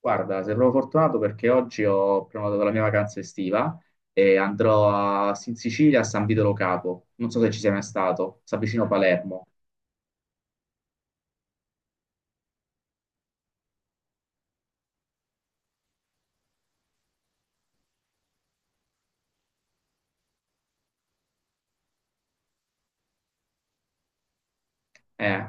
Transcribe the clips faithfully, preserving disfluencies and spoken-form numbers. Guarda, sembro fortunato perché oggi ho prenotato la mia vacanza estiva e andrò a, in Sicilia a San Vito Lo Capo. Non so se ci sei mai stato, si avvicino a Palermo. Eh,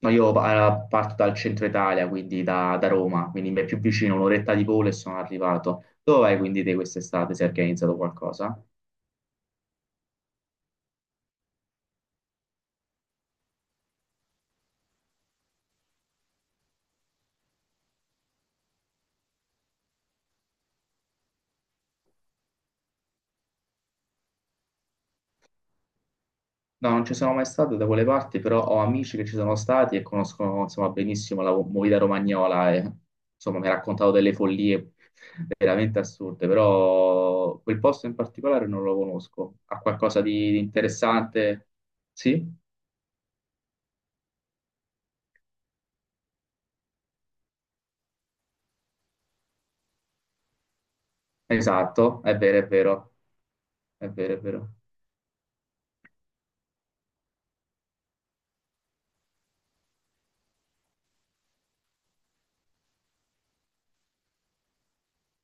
no, io pa- parto dal centro Italia, quindi da, da Roma, quindi mi è più vicino, un'oretta di volo e sono arrivato. Dove vai quindi te quest'estate se hai organizzato qualcosa? No, non ci sono mai stato da quelle parti, però ho amici che ci sono stati e conoscono, insomma, benissimo la movida romagnola e, insomma, mi ha raccontato delle follie veramente assurde, però quel posto in particolare non lo conosco. Ha qualcosa di, di interessante? Sì? Esatto, è vero, è vero, è vero, è vero.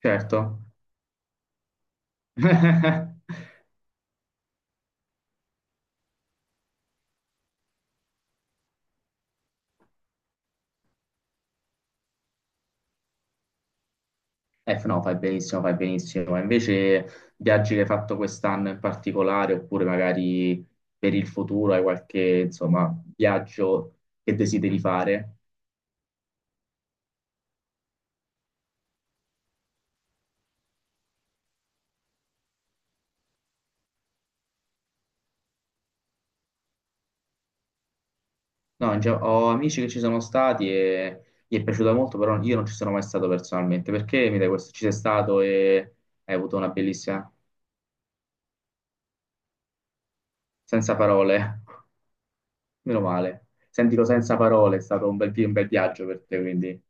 Certo. Eh, no, fai benissimo, fai benissimo. Ma invece, viaggi che hai fatto quest'anno in particolare, oppure magari per il futuro hai qualche, insomma, viaggio che desideri fare? No, in ge- ho amici che ci sono stati e gli è piaciuta molto, però io non ci sono mai stato personalmente. Perché mi dai questo? Ci sei stato e hai avuto una bellissima... Senza parole, meno male. Sentilo senza parole, è stato un bel, un bel viaggio per te, quindi...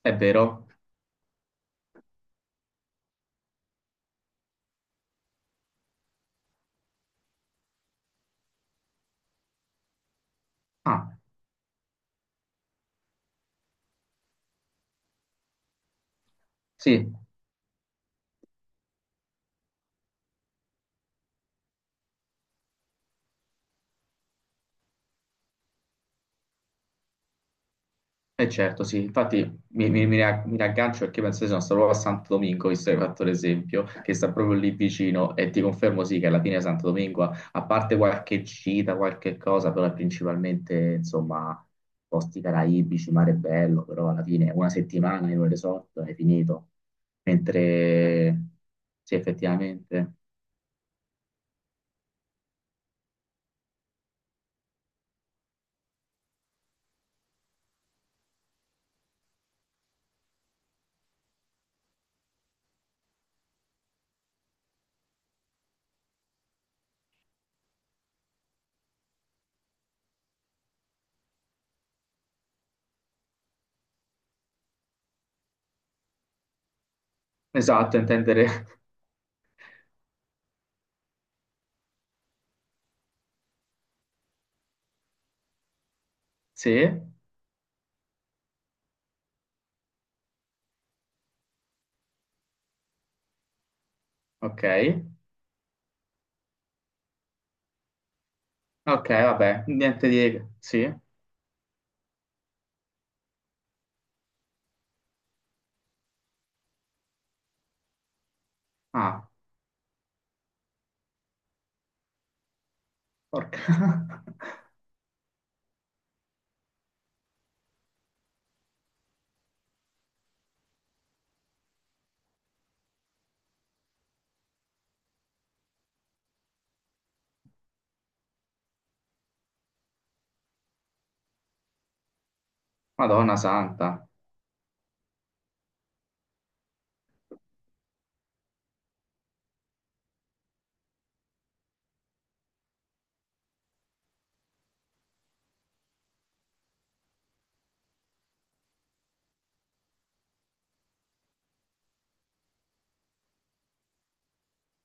È vero? Ah, sì. Eh certo, sì, infatti mi, mi- mi ra- mi raggancio perché penso che sono stato proprio a Santo Domingo, visto che hai fatto l'esempio, che sta proprio lì vicino e ti confermo sì che alla fine Santo Domingo, a a parte qualche gita, qualche cosa, però è principalmente insomma posti caraibici, mare bello, però alla fine una settimana in un resort è finito, mentre sì effettivamente, esatto, intendere sì, ok, ok, vabbè, niente di sì, ah, porca. Madonna santa.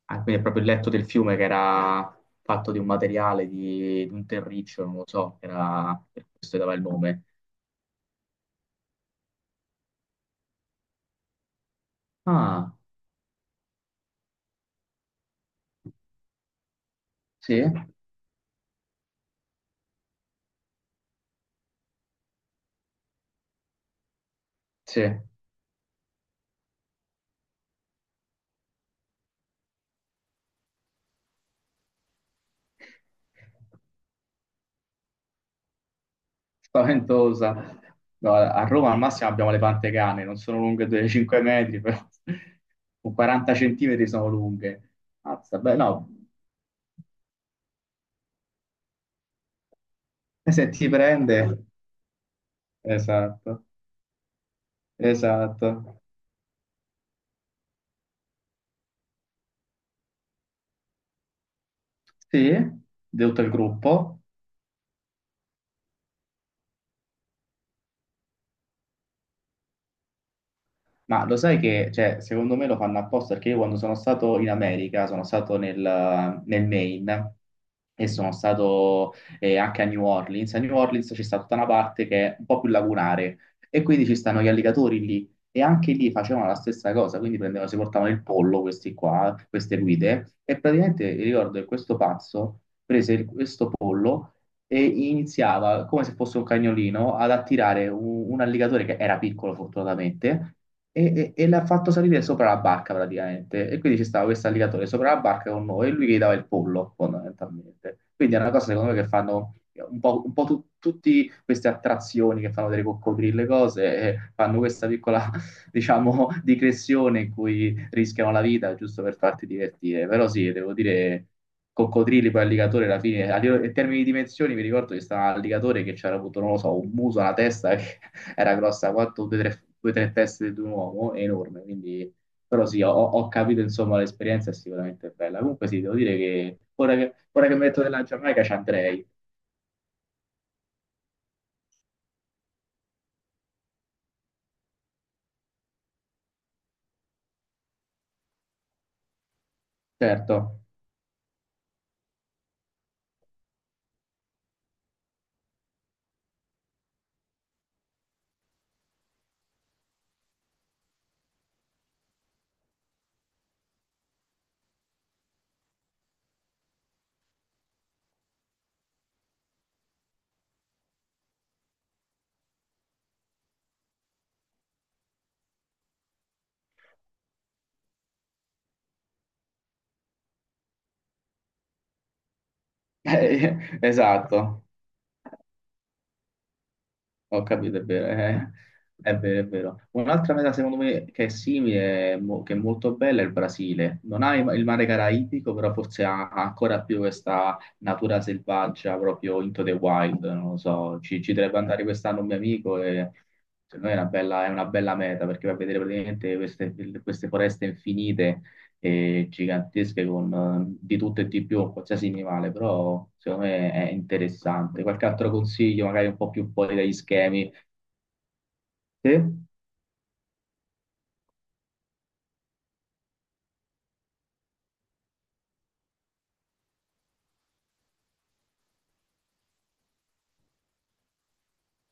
Ah, quindi è proprio il letto del fiume che era fatto di un materiale, di, di un terriccio, non lo so, era, per questo dava il nome. Ah, sì, sì. Spaventosa. No, a Roma al massimo abbiamo le pantegane, non sono lunghe due a cinque metri, però con quaranta centimetri sono lunghe. Mazza, beh, no, e se ti prende... Esatto, esatto. Sì, di tutto il gruppo. Ma lo sai che, cioè, secondo me lo fanno apposta perché io quando sono stato in America, sono stato nel, nel Maine e sono stato eh, anche a New Orleans. A New Orleans c'è stata tutta una parte che è un po' più lagunare e quindi ci stanno gli alligatori lì e anche lì facevano la stessa cosa, quindi prendevano, si portavano il pollo questi qua, queste guide e praticamente ricordo che questo pazzo prese il- questo pollo e iniziava, come se fosse un cagnolino, ad attirare un, un alligatore che era piccolo fortunatamente e, e- e l'ha fatto salire sopra la barca praticamente. E quindi ci stava questo alligatore sopra la barca con noi e lui che gli dava il pollo fondamentalmente. Quindi è una cosa secondo me che fanno un po', un po' tu- tutti queste attrazioni che fanno delle coccodrille, cose, e fanno questa piccola diciamo, di clessione in cui rischiano la vita giusto per farti divertire. Però sì, devo dire, coccodrilli poi alligatore alla fine, a livello- in termini di dimensioni, mi ricordo che stava l'alligatore che c'era avuto, non lo so, un muso, una testa che era grossa quanto due o tre, due, tre teste di un uomo, enorme, quindi... Però sì, ho, ho capito, insomma, l'esperienza è sicuramente bella. Comunque sì, devo dire che ora che, ora che mi metto nella Giamaica ci andrei, certo. Esatto. Ho capito, è vero, eh. È vero, è vero. Un'altra meta secondo me che è simile, mo- che è molto bella, è il Brasile. Non ha il il mare caraibico, però forse ha ha ancora più questa natura selvaggia, proprio into the wild, non lo so. Ci, ci dovrebbe andare quest'anno un mio amico e secondo me è una bella, è una bella meta perché va a vedere praticamente queste, queste foreste infinite e gigantesche con eh, di tutto e di più, qualsiasi animale, però secondo me è interessante. Qualche altro consiglio, magari un po' più fuori dagli schemi? Sì?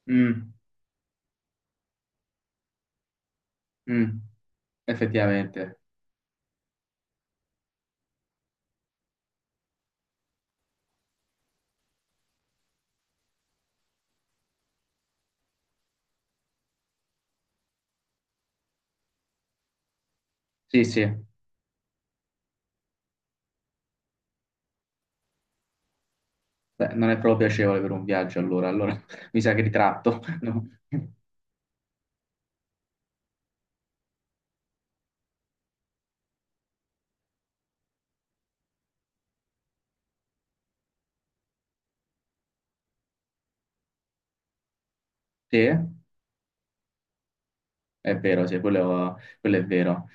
Mm, mm, effettivamente. Sì, sì. Beh, non è proprio piacevole per un viaggio, allora, allora mi sa che ritratto. No. Sì, è vero, sì, quello, quello è vero.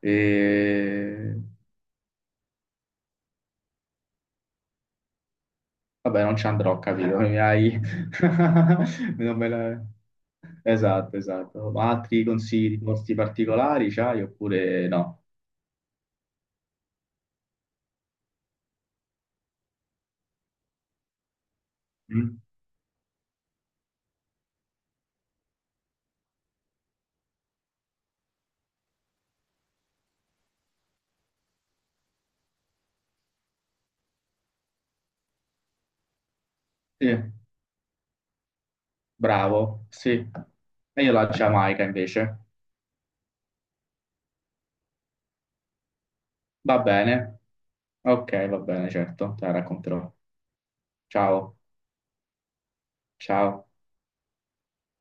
E... Vabbè, non ci andrò, capito? Mi hai... non me la- Esatto, esatto. Ma altri consigli di posti particolari c'hai oppure no? Mm? Sì, bravo, sì. E io la Giamaica invece. Va bene. Ok, va bene, certo, te la racconterò. Ciao, ciao.